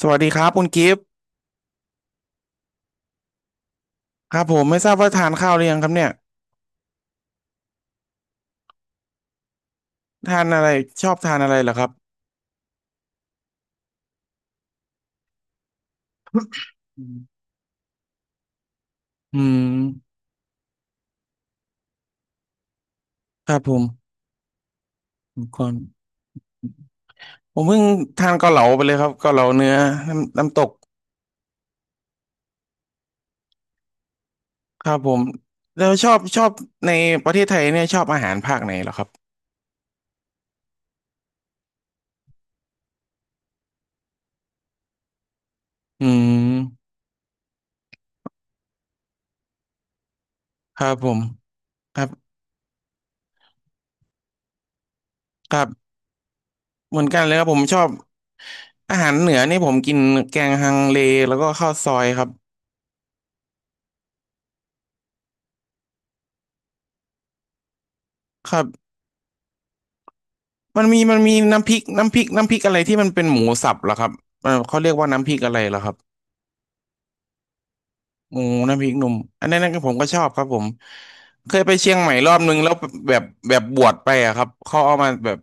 สวัสดีครับคุณกิฟต์ครับผมไม่ทราบว่าทานข้าวหรือยังครับเนี่ยทานอะไรชอบทานอะไรเหรอครับอืมครับผมก่อนผมเพิ่งทานเกาเหลาไปเลยครับเกาเหลาเนื้อน้ำตกครับผมแล้วชอบในประเทศไทยเนี่ยชอบอาหารภาคไหนเหรอครับอืมครับผมครับครับเหมือนกันเลยครับผมชอบอาหารเหนือนี่ผมกินแกงฮังเลแล้วก็ข้าวซอยครับครับ มันมีน้ำพริกอะไรที่มันเป็นหมูสับเหรอครับเออเขาเรียกว่าน้ำพริกอะไรเหรอครับหมูน้ำพริกหนุ่มอันนั้นก็ผมก็ชอบครับผมเคยไปเชียงใหม่รอบนึงแล้วแบบแบบบวชไปอะครับเขาเอามาแบบ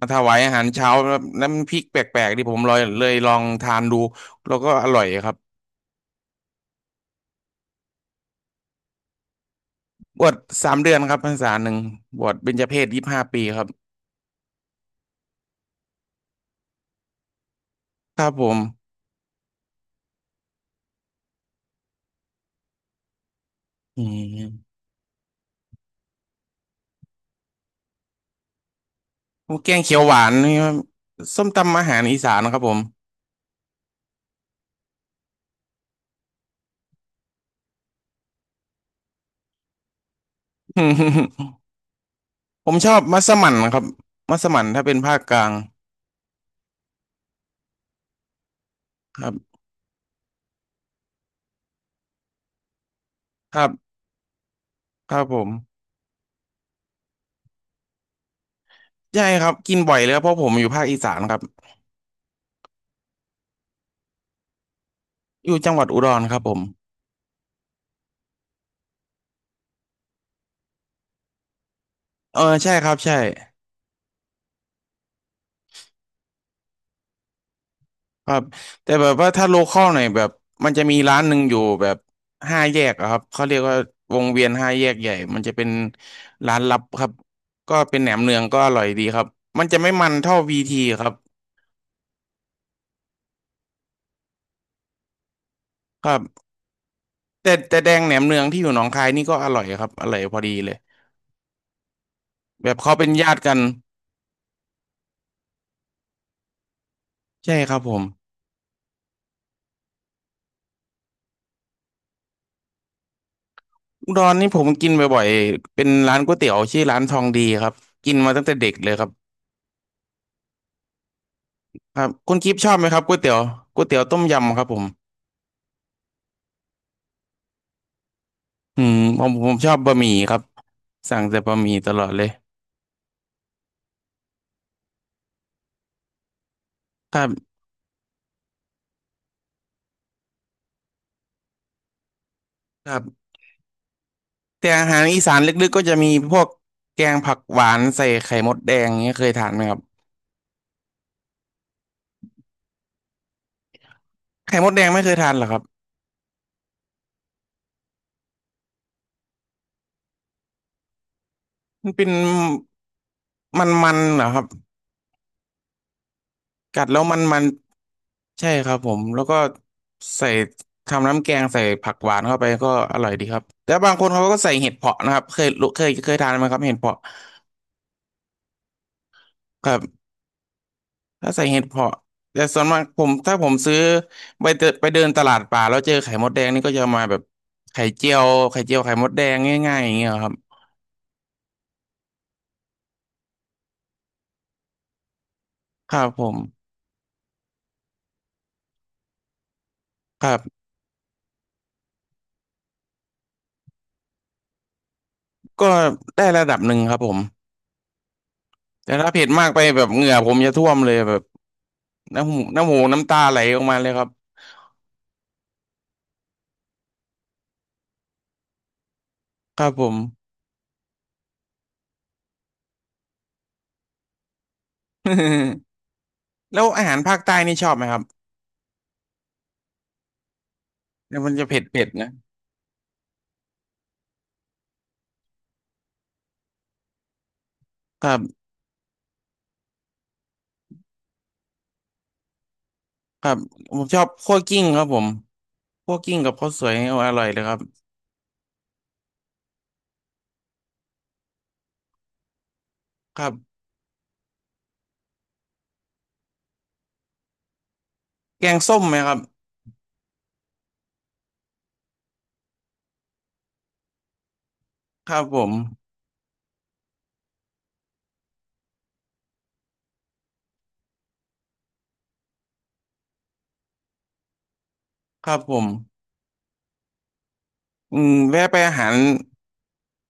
มาถวายอาหารเช้าแล้น้ำพริกแปลกๆที่ผมลอยเลยลองทานดูแล้วก็อร่อยครับบวช3 เดือนครับพรรษาหนึ่งบวชเบญจเพส25 ปีครับครับผมอืมแกงเขียวหวานนี่ครับส้มตำอาหารอีสานนะครับผม ผมชอบมัสมั่นครับมัสมั่นถ้าเป็นภาคกลางครับครับครับผมใช่ครับกินบ่อยเลยครับเพราะผมอยู่ภาคอีสานครับอยู่จังหวัดอุดรครับผมเออใช่ครับใช่ครับแต่แบบว่าถ้าโลคอลหน่อยแบบมันจะมีร้านหนึ่งอยู่แบบห้าแยกอะครับเขาเรียกว่าวงเวียนห้าแยกใหญ่มันจะเป็นร้านลับครับก็เป็นแหนมเนืองก็อร่อยดีครับมันจะไม่มันเท่าวีทีครับครับแต่แดงแหนมเนืองที่อยู่หนองคายนี่ก็อร่อยครับอร่อยพอดีเลยแบบเขาเป็นญาติกัน ใช่ครับผมอุดรนี่ผมกินบ่อยๆเป็นร้านก๋วยเตี๋ยวชื่อร้านทองดีครับกินมาตั้งแต่เด็กเลยครับครับคุณกิฟต์ชอบไหมครับก๋วยเตี๋ยวก๋วยเตี๋ยวต้มยำครับผมอืมผมชอบบะหมี่ครับสั่งแต่บะหมี่ตลอดเลยครับครับแต่อาหารอีสานลึกๆก็จะมีพวกแกงผักหวานใส่ไข่มดแดงเนี้ยเคยทานไหมครับไข่มดแดงไม่เคยทานเหรอครับมันเป็นมันๆเหรอครับ กัดแล้วมันมันใช่ครับผมแล้วก็ใส่ทำน้ำแกงใส่ผักหวานเข้าไปก็อร่อยดีครับแต่บางคนเขาก็ใส่เห็ดเผาะนะครับเคยรู้เคยเคยทานไหมครับเห็ดเผาะครับถ้าใส่เห็ดเผาะแต่ส่วนมากผมถ้าผมซื้อไปเดินตลาดป่าแล้วเจอไข่มดแดงนี่ก็จะมาแบบไข่เจียวไข่เจียวไข่มดแดงง่ายๆอย่างเงี้ยครับครับผมครับก็ได้ระดับหนึ่งครับผมแต่ถ้าเผ็ดมากไปแบบเหงื่อผมจะท่วมเลยแบบน้ำหูน้ำตาไหลออกมาเลยครับครับผม แล้วอาหารภาคใต้นี่ชอบไหมครับแล้วมันจะเผ็ดเผ็ดนะครับครับผมชอบคั่วกิ้งครับผมคั่วกิ้งกับข้าวสวยนี่อร่อยเลยครับครับแกงส้มไหมครับครับผมครับผมอืมแวะไปอาหาร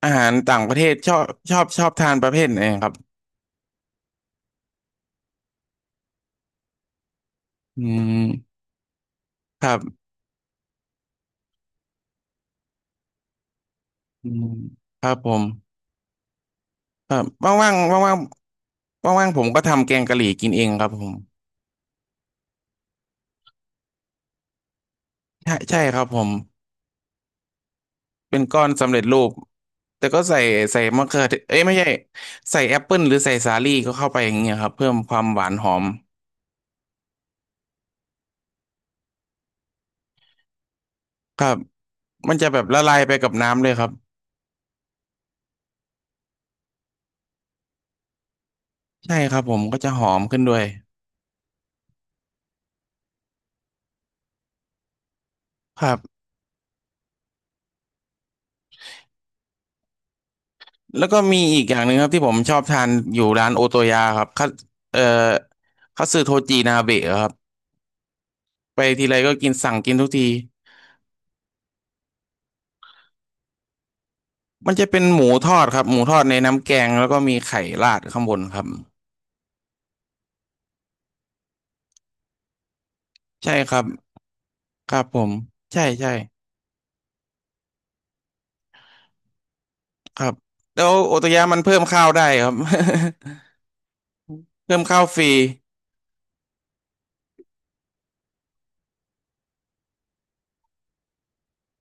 อาหารต่างประเทศชอบชอบทานประเภทไหนครับอืมครับอืมครับผมครับว่างๆว่างๆว่างๆผมก็ทำแกงกะหรี่กินเองครับผมใช่ใช่ครับผม เป็นก้อนสำเร็จรูปแต่ก็ใส่ใส่มะเขือเทศเอ้ยไม่ใช่ใส่แอปเปิลหรือใส่สาลี่ก็เข้าไปอย่างเงี้ยครับเพิ่มความหวานหอมครับมันจะแบบละลายไปกับน้ำเลยครับใช่ครับผมก็จะหอมขึ้นด้วยครับแล้วก็มีอีกอย่างหนึ่งครับที่ผมชอบทานอยู่ร้านโอโตยาครับคัตเอ่อคัตสึโทจินาเบะครับไปทีไรก็กินสั่งกินทุกทีมันจะเป็นหมูทอดครับหมูทอดในน้ำแกงแล้วก็มีไข่ราดข้างบนครับใช่ครับครับผมใช่ใช่ ครับแล้วโอโตยะมันเพิ่มข้าวได้ครับ เพิ่มข้าวฟรี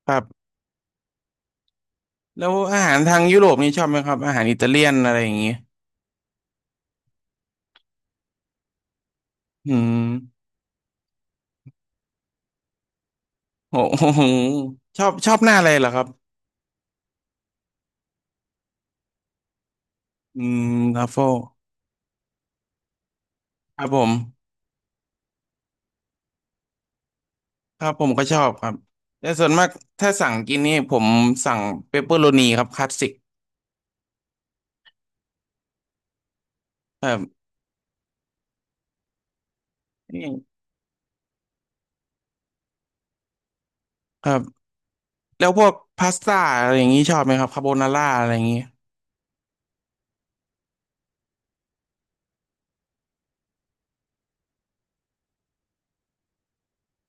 ครับแล้วอาหารทางยุโรปนี่ชอบไหมครับอาหารอิตาเลียนอะไรอย่างเงี้ยอืมโอ้โหชอบหน้าอะไรเหรอครับอืมทรัฟเฟิลครับผมครับผมก็ชอบครับแต่ส่วนมากถ้าสั่งกินนี่ผมสั่งเปปเปอโรนีครับคลาสสิกนี่ครับแล้วพวกพาสต้าอะไรอย่างงี้ชอบไหมครับคาโบนาร่าอะไรอย่างงี้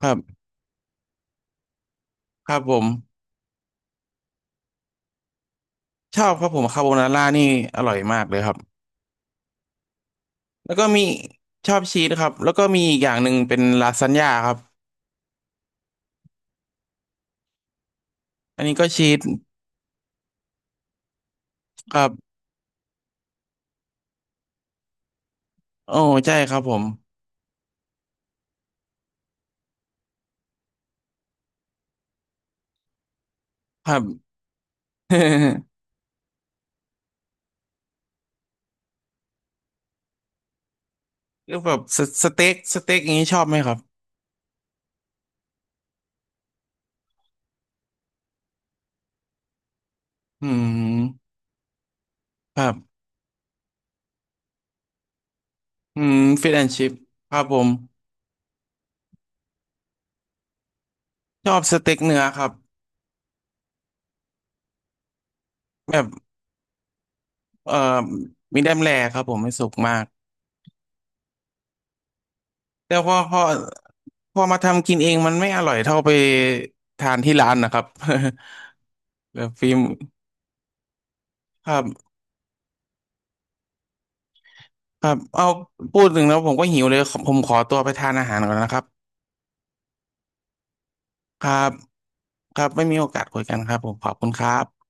ครับครับผมชอบครับผมคาโบนาร่านี่อร่อยมากเลยครับ แล้วก็มีชอบชีสครับแล้วก็มีอีกอย่างหนึ่งเป็นลาซานญ่าครับอันนี้ก็ชีสครับโอ้ใช่ครับผมครับ แล้วแบบสเต็กอย่างนี้ชอบไหมครับอืมครับอืมฟิชแอนชิพครับผมชอบสเต็กเนื้อครับแบบเอ่อมีแดมแรครับผมไม่สุกมากแต่พอมาทำกินเองมันไม่อร่อยเท่าไปทานที่ร้านนะครับ แบบฟิล์มครับ ครับเอาพูดถึงแล้วผมก็หิวเลยขอผมขอตัวไปทานอาหารก่อนนะครับครับครับไม่มีโอกาสคุยกันครับผมขอบคุณครับ